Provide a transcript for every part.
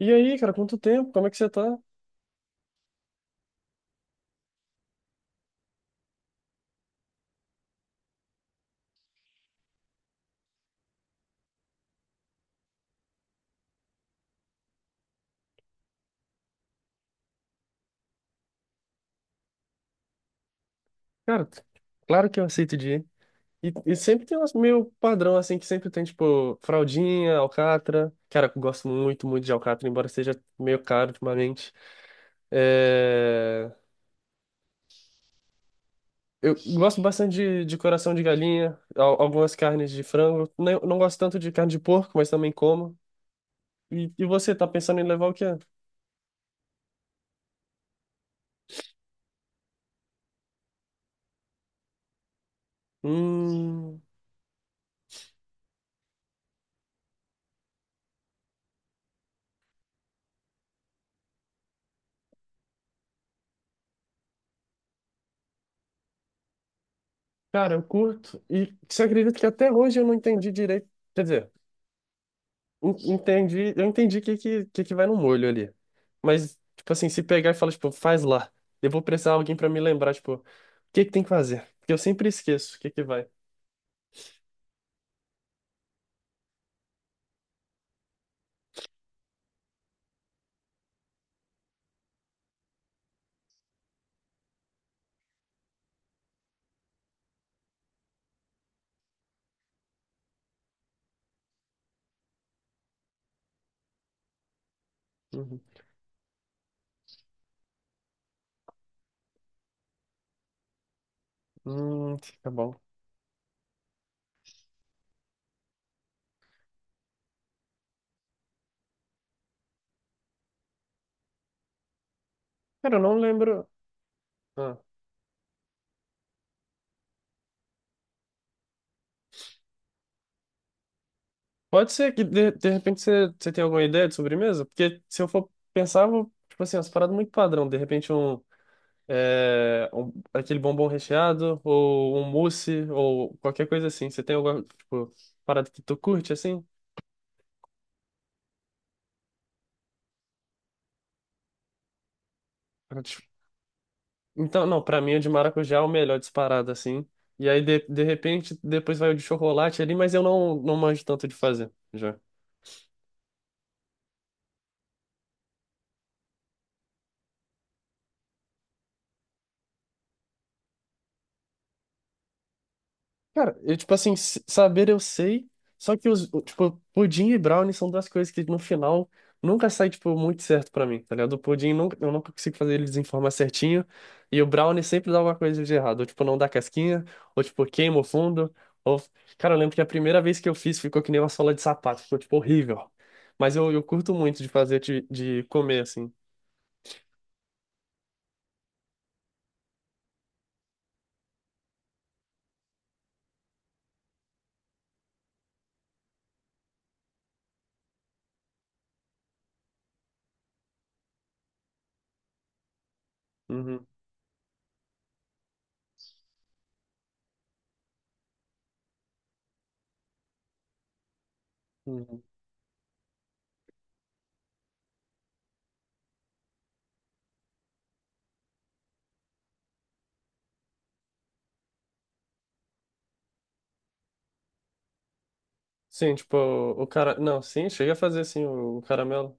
E aí, cara, quanto tempo? Como é que você tá? Cara, claro que eu aceito de ir. E sempre tem umas meio padrão, assim, que sempre tem, tipo, fraldinha, alcatra. Cara, eu gosto muito, muito de alcatra, embora seja meio caro ultimamente. É... Eu gosto bastante de coração de galinha, algumas carnes de frango. Não, não gosto tanto de carne de porco, mas também como. E você, tá pensando em levar o quê? Hum. Cara, eu curto. E você acredita que até hoje eu não entendi direito? Quer dizer. Entendi, eu entendi o que vai no molho ali. Mas, tipo assim, se pegar e falar, tipo, faz lá. Eu vou precisar de alguém pra me lembrar, tipo, o que que tem que fazer? Porque eu sempre esqueço o que que vai. Uhum. Hum, tá bom. Cara, eu não lembro. Ah. Pode ser que, de repente, você tenha alguma ideia de sobremesa? Porque se eu for pensar, eu vou, tipo assim, umas paradas muito padrão. De repente, aquele bombom recheado, ou um mousse, ou qualquer coisa assim. Você tem alguma, tipo, parada que tu curte, assim? Então, não, pra mim o de maracujá é o melhor disparado, assim. E aí, de repente, depois vai o de chocolate ali, mas eu não, não manjo tanto de fazer, já. Cara, eu, tipo assim, saber eu sei, só que tipo, pudim e brownie são duas coisas que no final nunca sai, tipo, muito certo pra mim, tá ligado? O pudim nunca, eu nunca consigo fazer eles em forma certinho, e o brownie sempre dá alguma coisa de errado, ou tipo, não dá casquinha, ou tipo, queima o fundo, ou. Cara, eu lembro que a primeira vez que eu fiz ficou que nem uma sola de sapato, ficou, tipo, horrível. Mas eu curto muito de fazer, de comer, assim. Uhum, uhum. Sim, tipo, o cara. Não, sim, chega a fazer, sim, o caramelo.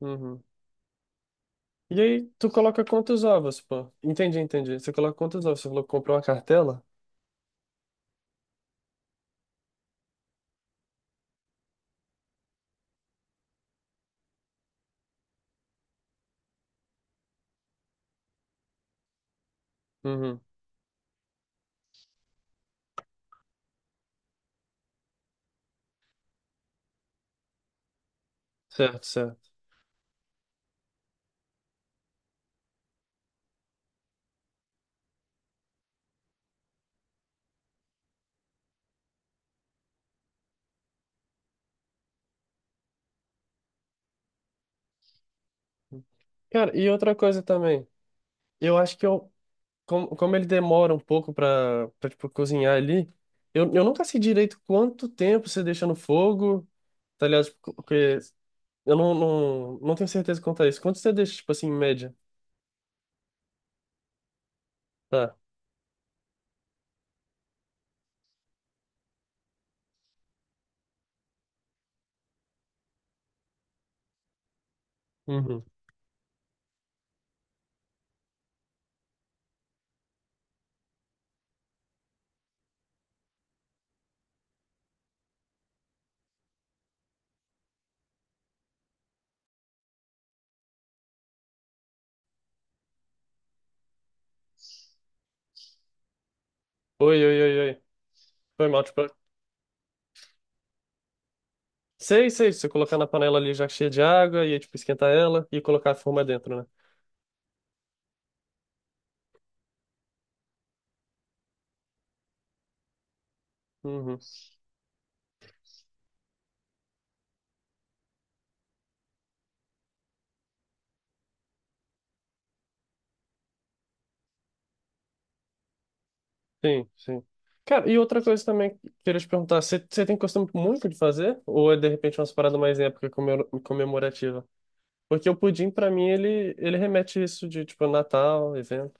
Uhum. E aí, tu coloca quantos ovos, pô? Entendi, entendi. Você coloca quantos ovos? Você falou que comprou uma cartela? Uhum. Certo, certo. Cara, e outra coisa também. Eu acho que eu, como, como ele demora um pouco pra tipo, cozinhar ali, eu nunca sei direito quanto tempo você deixa no fogo, tá ligado? Tipo, porque eu não tenho certeza quanto é isso. Quanto você deixa, tipo assim, em média? Tá. Uhum. Oi, oi, oi, oi. Foi mal, tipo. Sei, sei. Se você colocar na panela ali já cheia de água, e aí, tipo, esquentar ela e colocar a forma dentro, né? Uhum. Sim, sim. Cara, e outra coisa também que eu queria te perguntar, você tem costume muito de fazer? Ou é de repente uma parada mais em época comemorativa? Porque o pudim, pra mim, ele remete isso de tipo Natal, evento.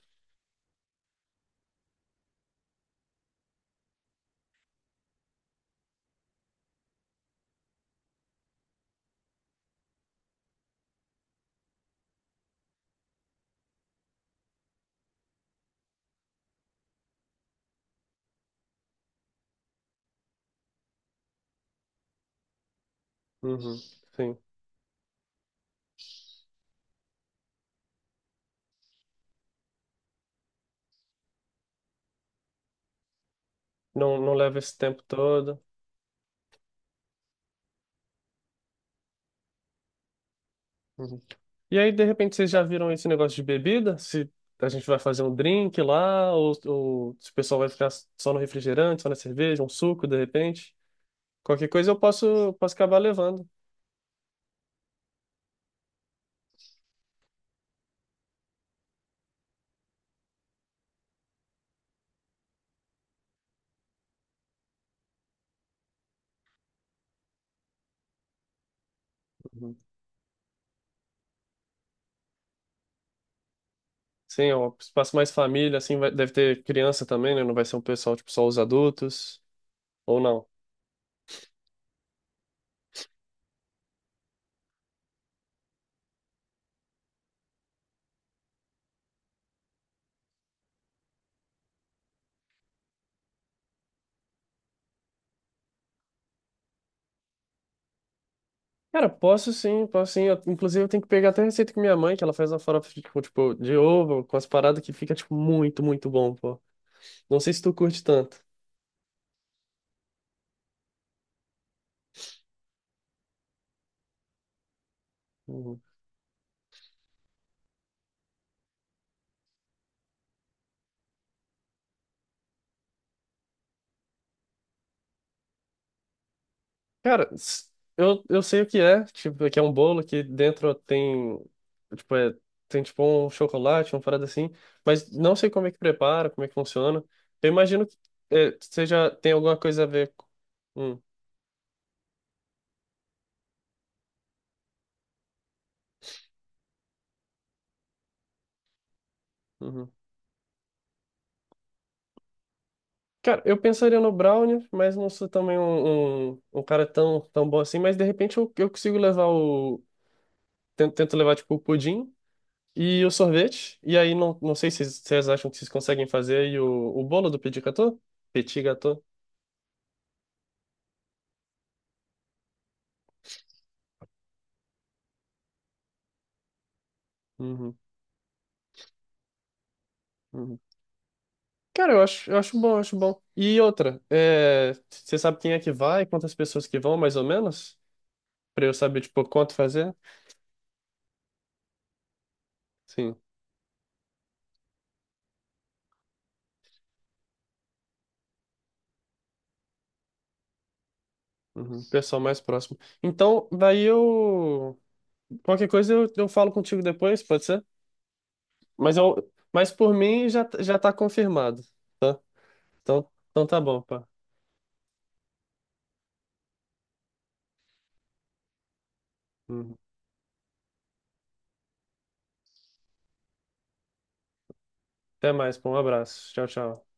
Uhum, sim. Não, não leva esse tempo todo. Uhum. E aí, de repente, vocês já viram esse negócio de bebida? Se a gente vai fazer um drink lá, ou se o pessoal vai ficar só no refrigerante, só na cerveja, um suco, de repente. Qualquer coisa eu posso, posso acabar levando. Sim, é um espaço mais família, assim, vai- deve ter criança também, né? Não vai ser um pessoal, tipo, só os adultos, ou não? Cara, posso sim, posso sim. Eu- inclusive, eu tenho que pegar até a receita com minha mãe, que ela faz uma farofa, tipo, de ovo, com as paradas que fica, tipo, muito, muito bom, pô. Não sei se tu curte tanto. Uhum. Cara, eu sei o que é, tipo, que é um bolo que dentro tem, tipo, é, tem, tipo, um chocolate, uma parada assim, mas não sei como é que prepara, como é que funciona. Eu imagino que é, seja, tem alguma coisa a ver com. Hum. Uhum. Cara, eu pensaria no Brownie, mas não sou também um cara tão, tão bom assim. Mas de repente eu consigo levar o. Tento, tento levar tipo o pudim e o sorvete. E aí não, não sei se vocês acham que vocês conseguem fazer. E o bolo do petit gâteau? Petit gâteau. Uhum, uhum. Cara, eu acho bom, eu acho bom. E outra, é, você sabe quem é que vai, quantas pessoas que vão, mais ou menos? Pra eu saber, tipo, quanto fazer? Sim. Uhum. Pessoal mais próximo. Então, daí eu. Qualquer coisa eu falo contigo depois, pode ser? Mas, eu, mas por mim já, já tá confirmado, tá? Então, então tá bom, pá. Uhum. Até mais, pô. Um abraço. Tchau, tchau.